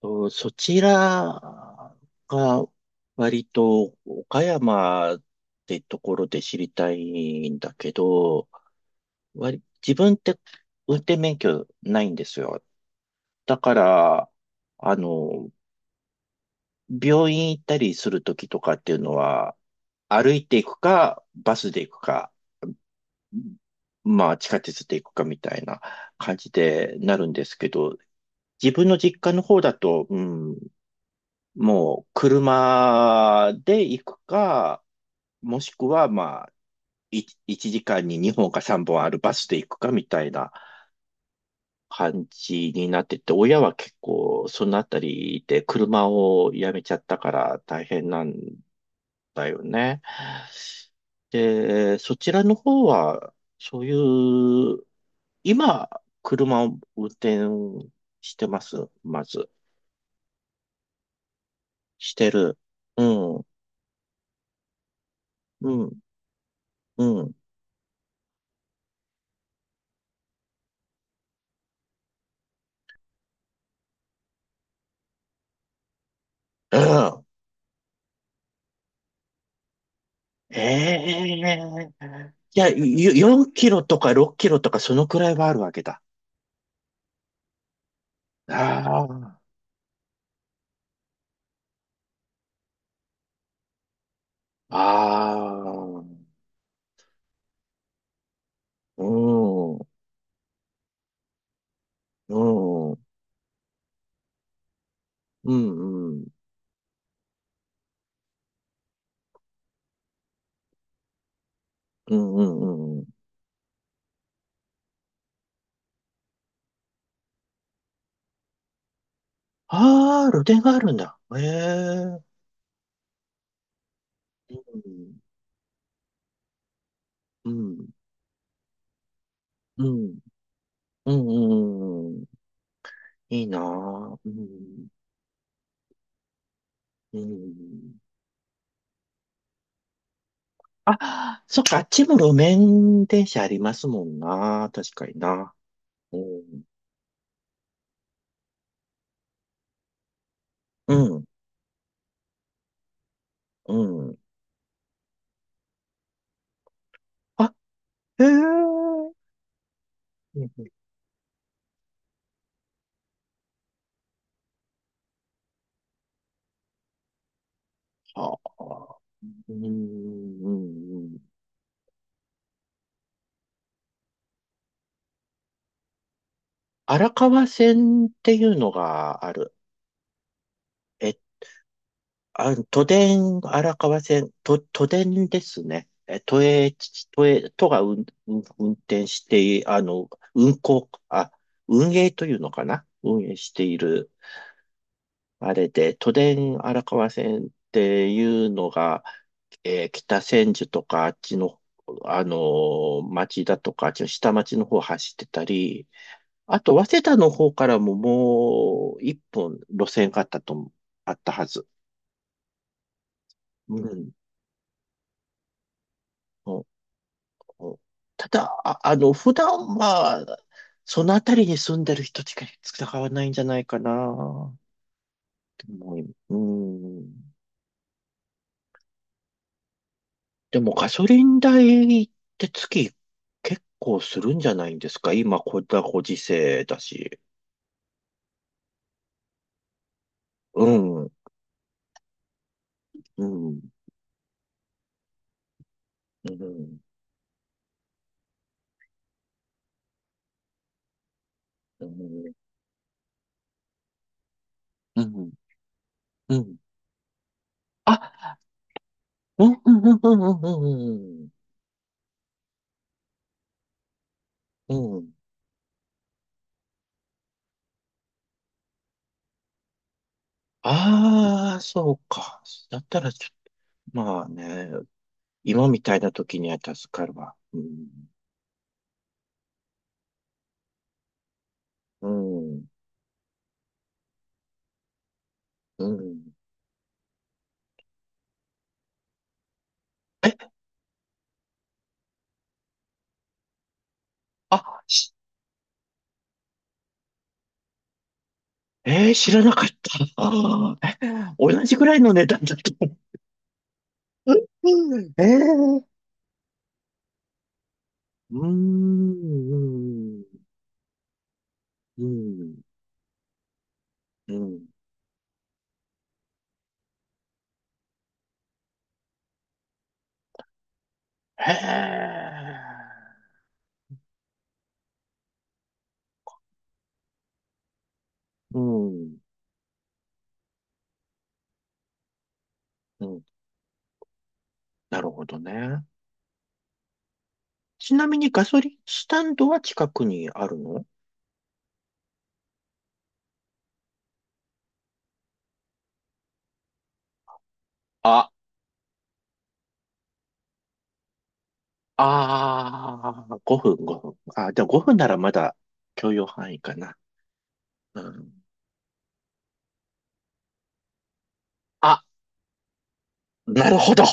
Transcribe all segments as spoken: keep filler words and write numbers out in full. と、そちらが割と岡山ってところで知りたいんだけど、割、自分って運転免許ないんですよ。だから、あの、病院行ったりするときとかっていうのは、歩いていくか、バスで行くか、まあ地下鉄で行くかみたいな感じでなるんですけど、自分の実家の方だと、うん、もう車で行くか、もしくはまあ、いいちじかんににほんかさんぼんあるバスで行くかみたいな感じになってて、親は結構そのあたりで車をやめちゃったから大変なんだよね。で、そちらの方は、そういう、今、車を運転してます、まず。してる。うん、うん、うん。うん。ええ、いや、よよんキロとかろっキロとかそのくらいはあるわけだ。ああ、ああ、うん、うん、うん、うん、うん、うん、うん。ああ、露店があるんだ。ええ、うん、うん、うん、うん、うん。いいなあ。うん、うん。あ、そっか、あっちも路面電車ありますもんな。確かにな。うん、うん、うん。あ、へえ。うん、うん、はあ。うん、うん、うん。荒川線っていうのがある。え、あ、都電荒川線、と、都電ですね。え、都営、都営、都が運、運運転して、あの、運行、あ、運営というのかな、運営しているあれで、都電荒川線っていうのが、えー北千住とかあっちの、あのー町だとか、あっちの下町の方走ってたり、あと、早稲田の方からももう一本路線があったと思う、あったはず。うん。お、お、ただ、あ、あの、普段は、その辺りに住んでる人しか使わないんじゃないかな、と思い、うん。でもガソリン代って月結構するんじゃないんですか？今、こんなご時世だし。うん、うん、うん、うん、うん、うん。うん、あ、うん、うん、うん、うん、うん、うん。うん、ああ、そうか。だったらちょ、まあね、今みたいな時には助かるわ。うん、うん、うん。あ、しえー、知らなかった。あーえ同じぐらいの値段だと、うん、ええ、うーん、うん、うん。へえ、うん、うん。なるほどね。ちなみにガソリンスタンドは近くにあるの？あ、ああ、ごふん、ごふん。あ、じゃあ分ならまだ許容範囲かな。うん。あ、なるほど。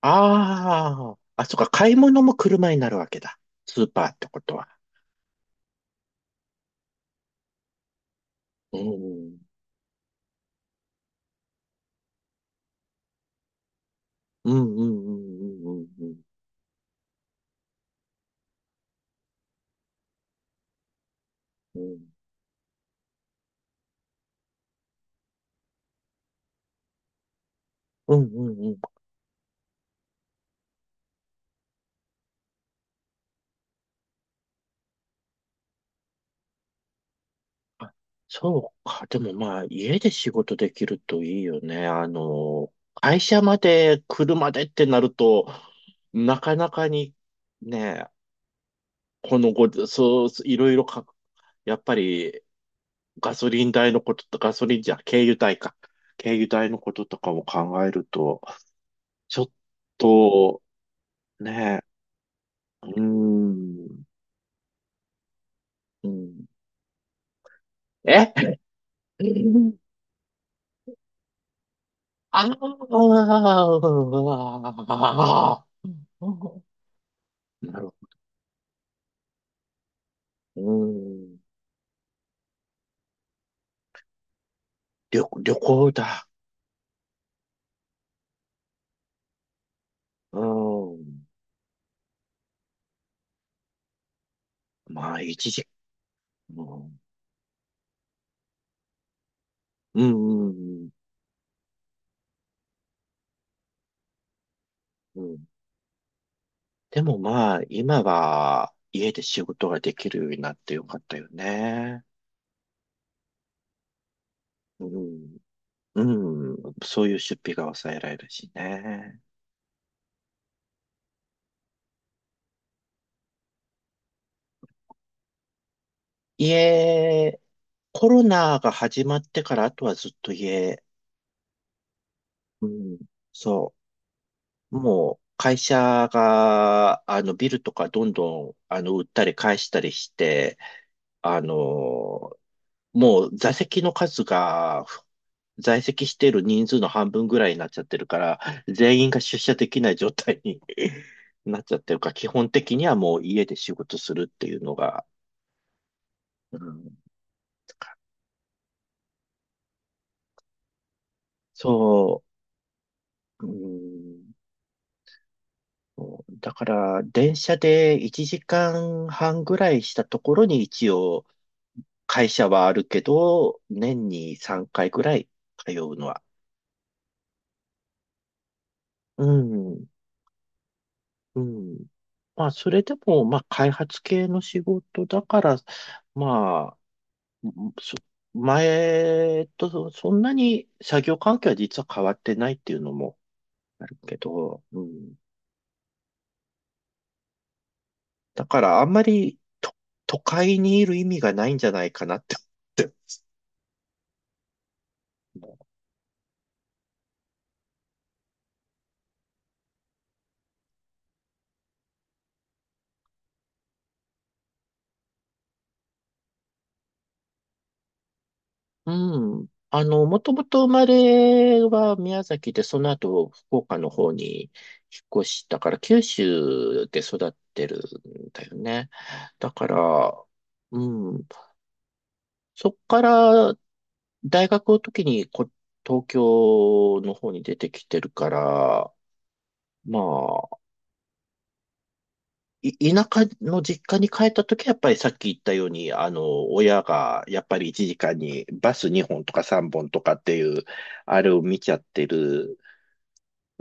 ああ、あ、そっか、買い物も車になるわけだ。スーパーってことは。うん、うん、うん、うん、うん、うん。うん、うん、うん、うん。あ、そうか。でもまあ、家で仕事できるといいよね。あの、会社まで車でってなると、なかなかにね、このご、そう、いろいろか、やっぱりガソリン代のことと、ガソリンじゃ、軽油代か。軽油代のこととかも考えると、ちょっと、ね、うーん、うん。え ああ、なるほど。うん。旅、旅行だ。うん。まあ、一時、うん、うん、うん、うん。でもまあ、今は家で仕事ができるようになってよかったよね。うん。うん。そういう出費が抑えられるしね。家、コロナが始まってから、あとはずっと家。うん。そう。もう会社が、あの、ビルとかどんどん、あの、売ったり返したりして、あの、もう座席の数が、在籍している人数の半分ぐらいになっちゃってるから、全員が出社できない状態に なっちゃってるから、基本的にはもう家で仕事するっていうのが、うん、そう、うん、そうだから電車でいちじかんはんぐらいしたところに一応、会社はあるけど、年にさんかいぐらい通うのは。うん、うん。まあ、それでも、まあ、開発系の仕事だから、まあ、そ前とそんなに作業環境は実は変わってないっていうのもあるけど、うん。だから、あんまりと都会にいる意味がないんじゃないかなって思って。うん。あの、もともと生まれは宮崎で、その後福岡の方に引っ越したから、九州で育ってるんだよね。だから、うん。そっから大学の時にこ、東京の方に出てきてるから、まあ、い田舎の実家に帰った時はやっぱりさっき言ったように、あの、親がやっぱりいちじかんにバスにほんとかさんぼんとかっていう、あれを見ちゃってる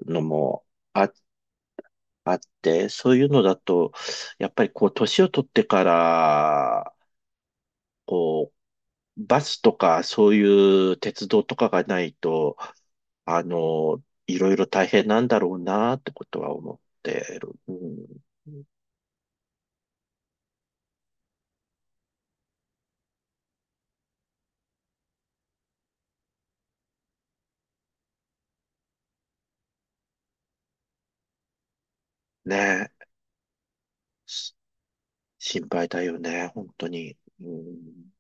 のもあ、あって、そういうのだと、やっぱりこう、年を取ってから、こう、バスとかそういう鉄道とかがないと、あの、いろいろ大変なんだろうなってことは思ってる。うん、ねえ、し心配だよね、本当に。うん